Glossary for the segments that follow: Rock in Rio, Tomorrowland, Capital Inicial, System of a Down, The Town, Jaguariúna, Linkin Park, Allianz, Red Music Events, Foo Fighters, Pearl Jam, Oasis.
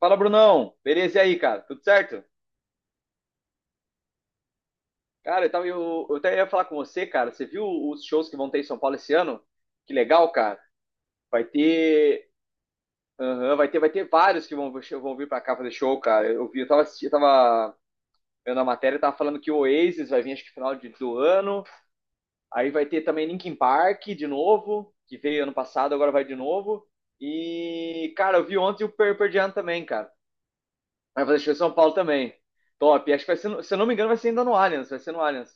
Fala, Brunão. Beleza e aí, cara? Tudo certo? Cara, eu até ia falar com você, cara. Você viu os shows que vão ter em São Paulo esse ano? Que legal, cara. Vai ter. Aham, vai ter vários que vão vir pra cá fazer show, cara. Eu vi, eu tava, assisti- eu tava vendo a matéria, tava falando que o Oasis vai vir acho que do ano. Aí vai ter também Linkin Park de novo, que veio ano passado, agora vai de novo. E, cara, eu vi ontem o Pearl Jam também, cara. Vai fazer show em São Paulo também. Top. Acho que vai ser, se eu não me engano, vai ser ainda no Allianz. Vai ser no Allianz.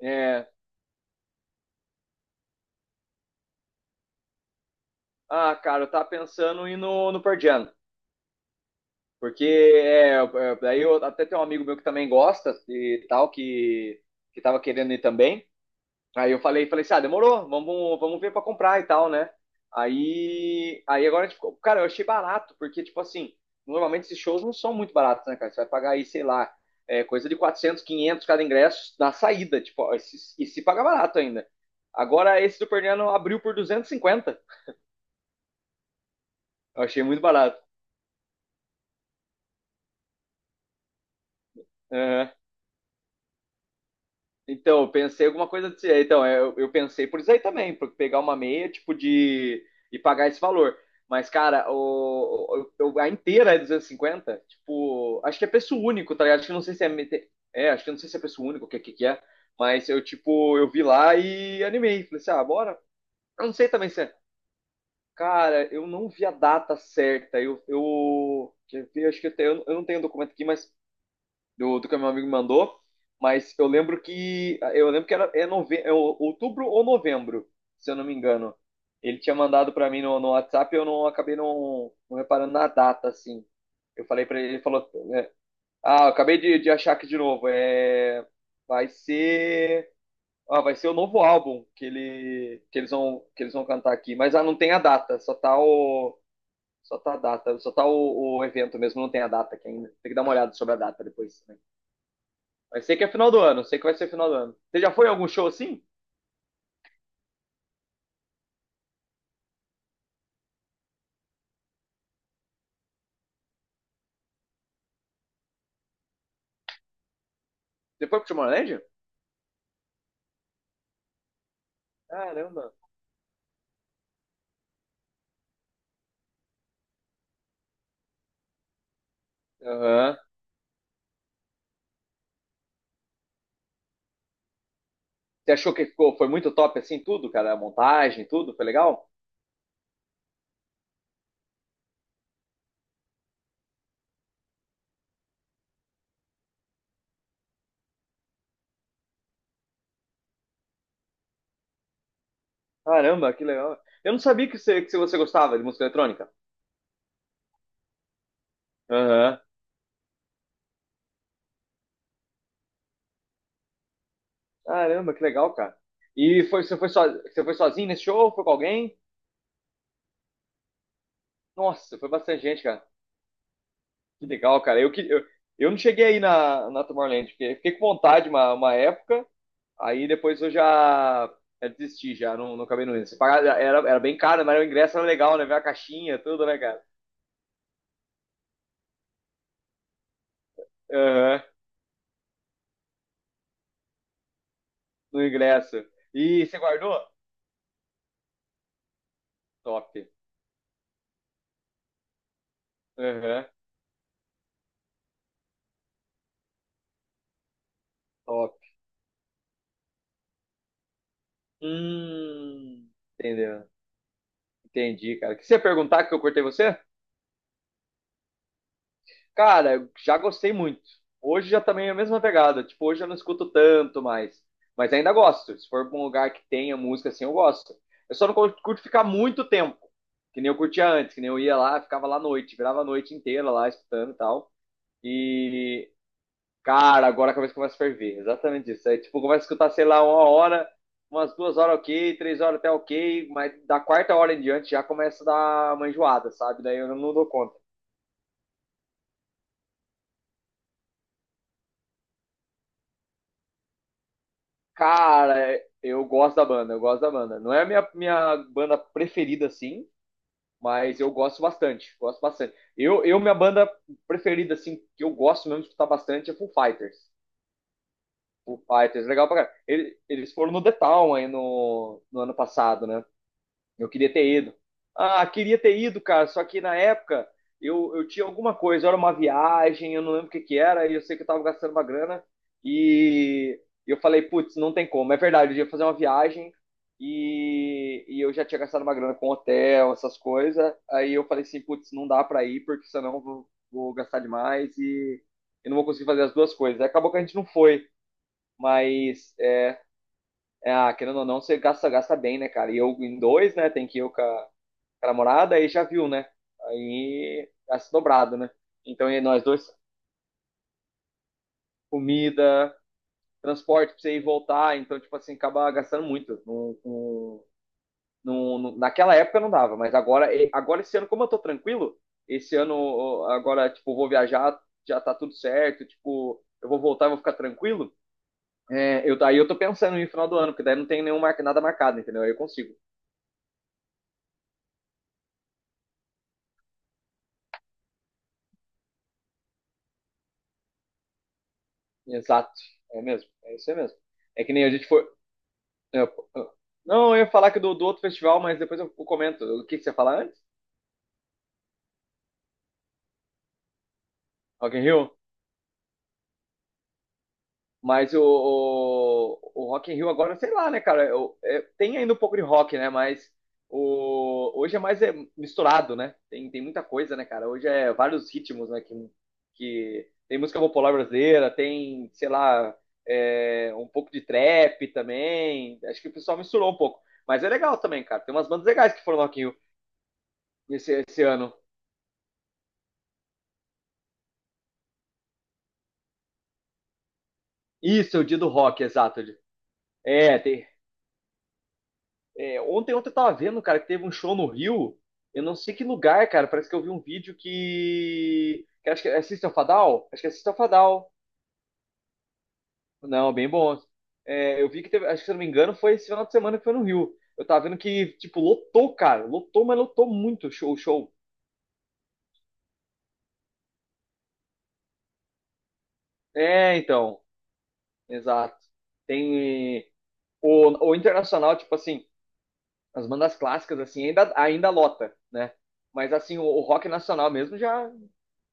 É, ah, cara, eu tava pensando em ir no Pearl Jam, porque daí eu até tem um amigo meu que também gosta e tal, que tava querendo ir também. Aí eu falei, falei assim, ah, demorou, vamos ver pra comprar e tal, né? Aí agora a gente ficou, cara, eu achei barato, porque, tipo assim, normalmente esses shows não são muito baratos, né, cara? Você vai pagar aí, sei lá, é, coisa de 400, 500 cada ingresso na saída, tipo, ó, e se paga barato ainda. Agora esse do Perniano abriu por 250, eu achei muito barato. Então, eu pensei alguma coisa assim. Então, eu pensei por isso aí também, por pegar uma meia, tipo, de. E pagar esse valor. Mas, cara, a inteira é 250. Tipo, acho que é preço único, tá ligado? Acho que não sei se é. É, acho que não sei se é preço único, o que, que é. Mas eu, tipo, eu vi lá e animei. Falei assim, ah, bora. Eu não sei também se é. Cara, eu não vi a data certa. Eu. Eu quer ver? Acho que eu não tenho documento aqui, mas do, do que meu amigo mandou, mas eu lembro que era é nove, outubro ou novembro, se eu não me engano. Ele tinha mandado para mim no WhatsApp, eu não acabei não reparando na data assim. Eu falei para ele, ele falou, é, ah, eu acabei de achar aqui de novo, é, vai ser, ah, vai ser o novo álbum que eles vão cantar aqui, mas ah, não tem a data, só tá a data, só tá o evento mesmo, não tem a data aqui ainda. Tem que dar uma olhada sobre a data depois. Né? Mas sei que é final do ano, sei que vai ser final do ano. Você já foi a algum show assim? Você foi pro Tomorrowland? Caramba. Aham. Você achou que foi muito top assim, tudo, cara? A montagem, tudo? Foi legal? Caramba, que legal. Eu não sabia que você gostava de música eletrônica. Aham. Caramba, que legal, cara. E foi, você, foi so, você foi sozinho nesse show? Foi com alguém? Nossa, foi bastante gente, cara. Que legal, cara. Eu não cheguei aí na Tomorrowland, porque fiquei com vontade uma época. Aí depois eu já, já desisti, já não, não acabei não indo. Você pagava, era bem caro, mas o ingresso era legal, né? Ver a caixinha, tudo, né, cara? Aham, no ingresso. E você guardou? Top. Aham, top. Hum, entendeu? Entendi, cara. O que você ia perguntar que eu cortei você? Cara, eu já gostei muito. Hoje já também é a mesma pegada. Tipo, hoje eu não escuto tanto mais. Mas ainda gosto. Se for pra um lugar que tenha música assim, eu gosto. Eu só não cur- curto ficar muito tempo. Que nem eu curtia antes, que nem eu ia lá, ficava lá à noite, virava a noite inteira lá escutando e tal. E, cara, agora a cabeça começa a ferver. Exatamente isso. Aí, tipo, começa a escutar, sei lá, uma hora, umas duas horas ok, três horas até ok, mas da quarta hora em diante já começa a dar uma enjoada, sabe? Daí eu não dou conta. Cara, eu gosto da banda. Não é a minha banda preferida, assim, mas eu gosto bastante, gosto bastante. Minha banda preferida, assim, que eu gosto mesmo de escutar bastante é Foo Fighters. Foo Fighters, legal pra caralho. Eles foram no The Town aí no ano passado, né? Eu queria ter ido. Ah, queria ter ido, cara, só que na época eu tinha alguma coisa, era uma viagem, eu não lembro o que que era, e eu sei que eu tava gastando uma grana, e eu falei, putz, não tem como. É verdade, eu ia fazer uma viagem, e eu já tinha gastado uma grana com hotel, essas coisas, aí eu falei assim, putz, não dá pra ir, porque senão eu vou gastar demais e eu não vou conseguir fazer as duas coisas. Aí acabou que a gente não foi, mas, é, ah, querendo ou não, você gasta, gasta bem, né, cara? E eu em dois, né, tem que eu com a namorada, aí já viu, né? Aí já se dobrado, né? Então, e nós dois, comida, transporte pra você ir e voltar, então, tipo assim, acaba gastando muito. Naquela época não dava, mas agora, agora esse ano, como eu tô tranquilo, esse ano, ó, agora, tipo, vou viajar, já tá tudo certo, tipo, eu vou voltar, vou ficar tranquilo. É, eu, daí eu tô pensando no final do ano, porque daí não tem nada marcado, entendeu? Aí eu consigo. Exato. É mesmo. É isso aí mesmo. É que nem a gente foi. É, eu- não, eu ia falar que do outro festival, mas depois eu comento. O que, que você ia falar antes? Rock in Rio? Mas o Rock in Rio agora, sei lá, né, cara? É, tem ainda um pouco de rock, né? Mas hoje é mais é, misturado, né? Tem muita coisa, né, cara? Hoje é vários ritmos, né? Que tem música popular brasileira, tem, sei lá, é, um pouco de trap também. Acho que o pessoal misturou um pouco. Mas é legal também, cara. Tem umas bandas legais que foram no Rock in Rio esse ano. Isso, é o dia do rock, exato. É, tem- é, ontem eu tava vendo, cara, que teve um show no Rio. Eu não sei que lugar, cara. Parece que eu vi um vídeo que acho que é System of a Down? Acho que é System of a Down. Não, bem bom. É, eu vi que teve. Acho que se eu não me engano, foi esse final de semana que foi no Rio. Eu tava vendo que, tipo, lotou, cara. Lotou, mas lotou muito o show, o show. É, então. Exato. Tem. O internacional, tipo assim. As bandas clássicas, assim, ainda, ainda lota, né? Mas, assim, o rock nacional mesmo já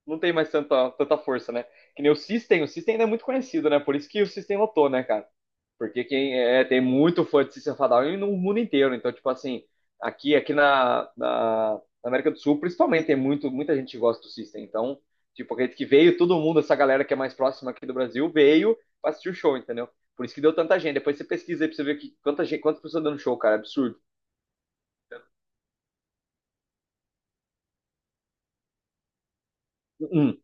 não tem mais tanta, tanta força, né? Que nem o System ainda é muito conhecido, né? Por isso que o System lotou, né, cara? Porque quem é, tem muito fã de System Fadal no mundo inteiro. Então, tipo assim, aqui, aqui na, na, na América do Sul, principalmente, muita gente que gosta do System. Então, tipo, acredito que veio todo mundo, essa galera que é mais próxima aqui do Brasil, veio pra assistir o show, entendeu? Por isso que deu tanta gente. Depois você pesquisa aí pra você ver quanta gente, quantas pessoas dando show, cara. Absurdo. Uhum.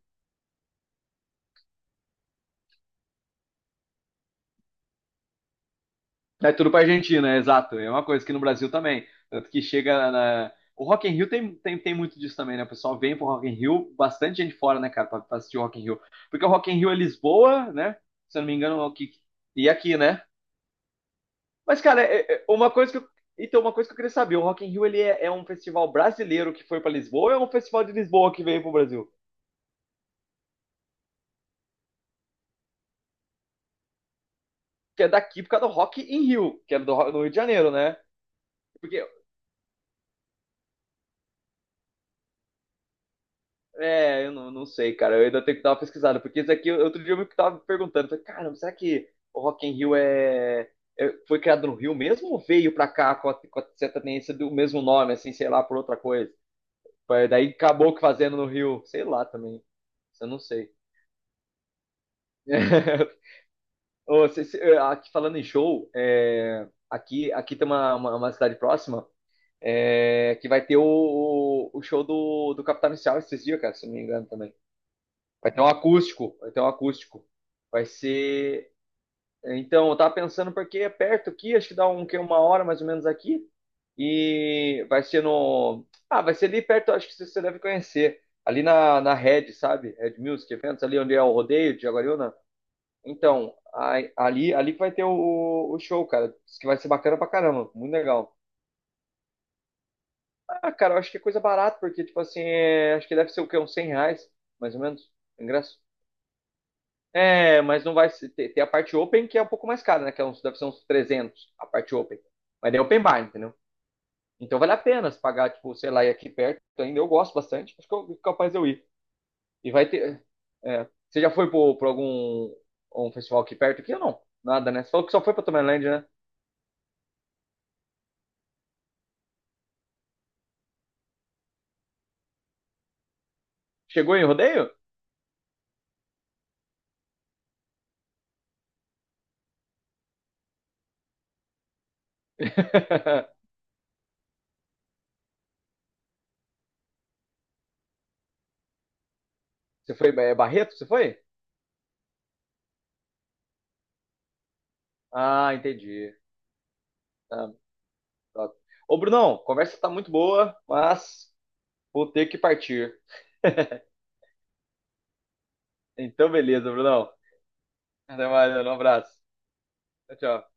É tudo pra Argentina, é exato. É uma coisa que no Brasil também. Tanto que chega na. O Rock in Rio tem muito disso também, né? O pessoal vem pro Rock in Rio, bastante gente fora, né, cara, pra assistir o Rock in Rio. Porque o Rock in Rio é Lisboa, né? Se eu não me engano, é o que... e aqui, né? Mas, cara, é uma coisa que eu... Então, uma coisa que eu queria saber, o Rock in Rio, é um festival brasileiro que foi pra Lisboa ou é um festival de Lisboa que veio pro Brasil? Que é daqui por causa do Rock in Rio, que é do, do Rio de Janeiro, né? Porque é, eu não sei, cara. Eu ainda tenho que dar uma pesquisada, porque isso aqui, outro dia eu me tava perguntando, falei, caramba, será que o Rock in Rio é, foi criado no Rio mesmo ou veio pra cá com a sertaneja do mesmo nome, assim, sei lá, por outra coisa? Daí acabou que fazendo no Rio, sei lá também. Isso eu não sei. Ô, cê- cê- eh, aqui falando em show, é, aqui tem uma cidade próxima é, que vai ter o show do Capital Inicial esses dias, cara, se não me engano também. Vai ter um acústico. Vai ser. Então, eu tava pensando porque é perto aqui, acho que dá um, que uma hora mais ou menos aqui. E vai ser no. Ah, vai ser ali perto, acho que você deve conhecer. Ali na Red, sabe? Red Music Events, ali onde é o rodeio de Jaguariúna. Então, ali que vai ter o show, cara. Diz que vai ser bacana pra caramba, muito legal. Ah, cara, eu acho que é coisa barata, porque, tipo assim, acho que deve ser o quê? Uns 100 reais, mais ou menos, o ingresso. É, mas não vai se- ter, ter a parte open que é um pouco mais cara, né? Que é uns, deve ser uns 300 a parte open. Mas daí é open bar, entendeu? Então vale a pena se pagar, tipo, sei lá, e aqui perto Então, ainda. Eu gosto bastante. Acho que eu capaz de eu ir. E vai ter. É, você já foi por algum um festival aqui perto aqui ou não? Nada, né? Você falou que só foi pra Tomorrowland, né? Chegou em rodeio? Você foi é Barreto? Você foi? Ah, entendi. Tá, tá. Ô, Brunão, a conversa tá muito boa, mas vou ter que partir. Então, beleza, Brunão. Até mais, mano. Um abraço. Tchau, tchau.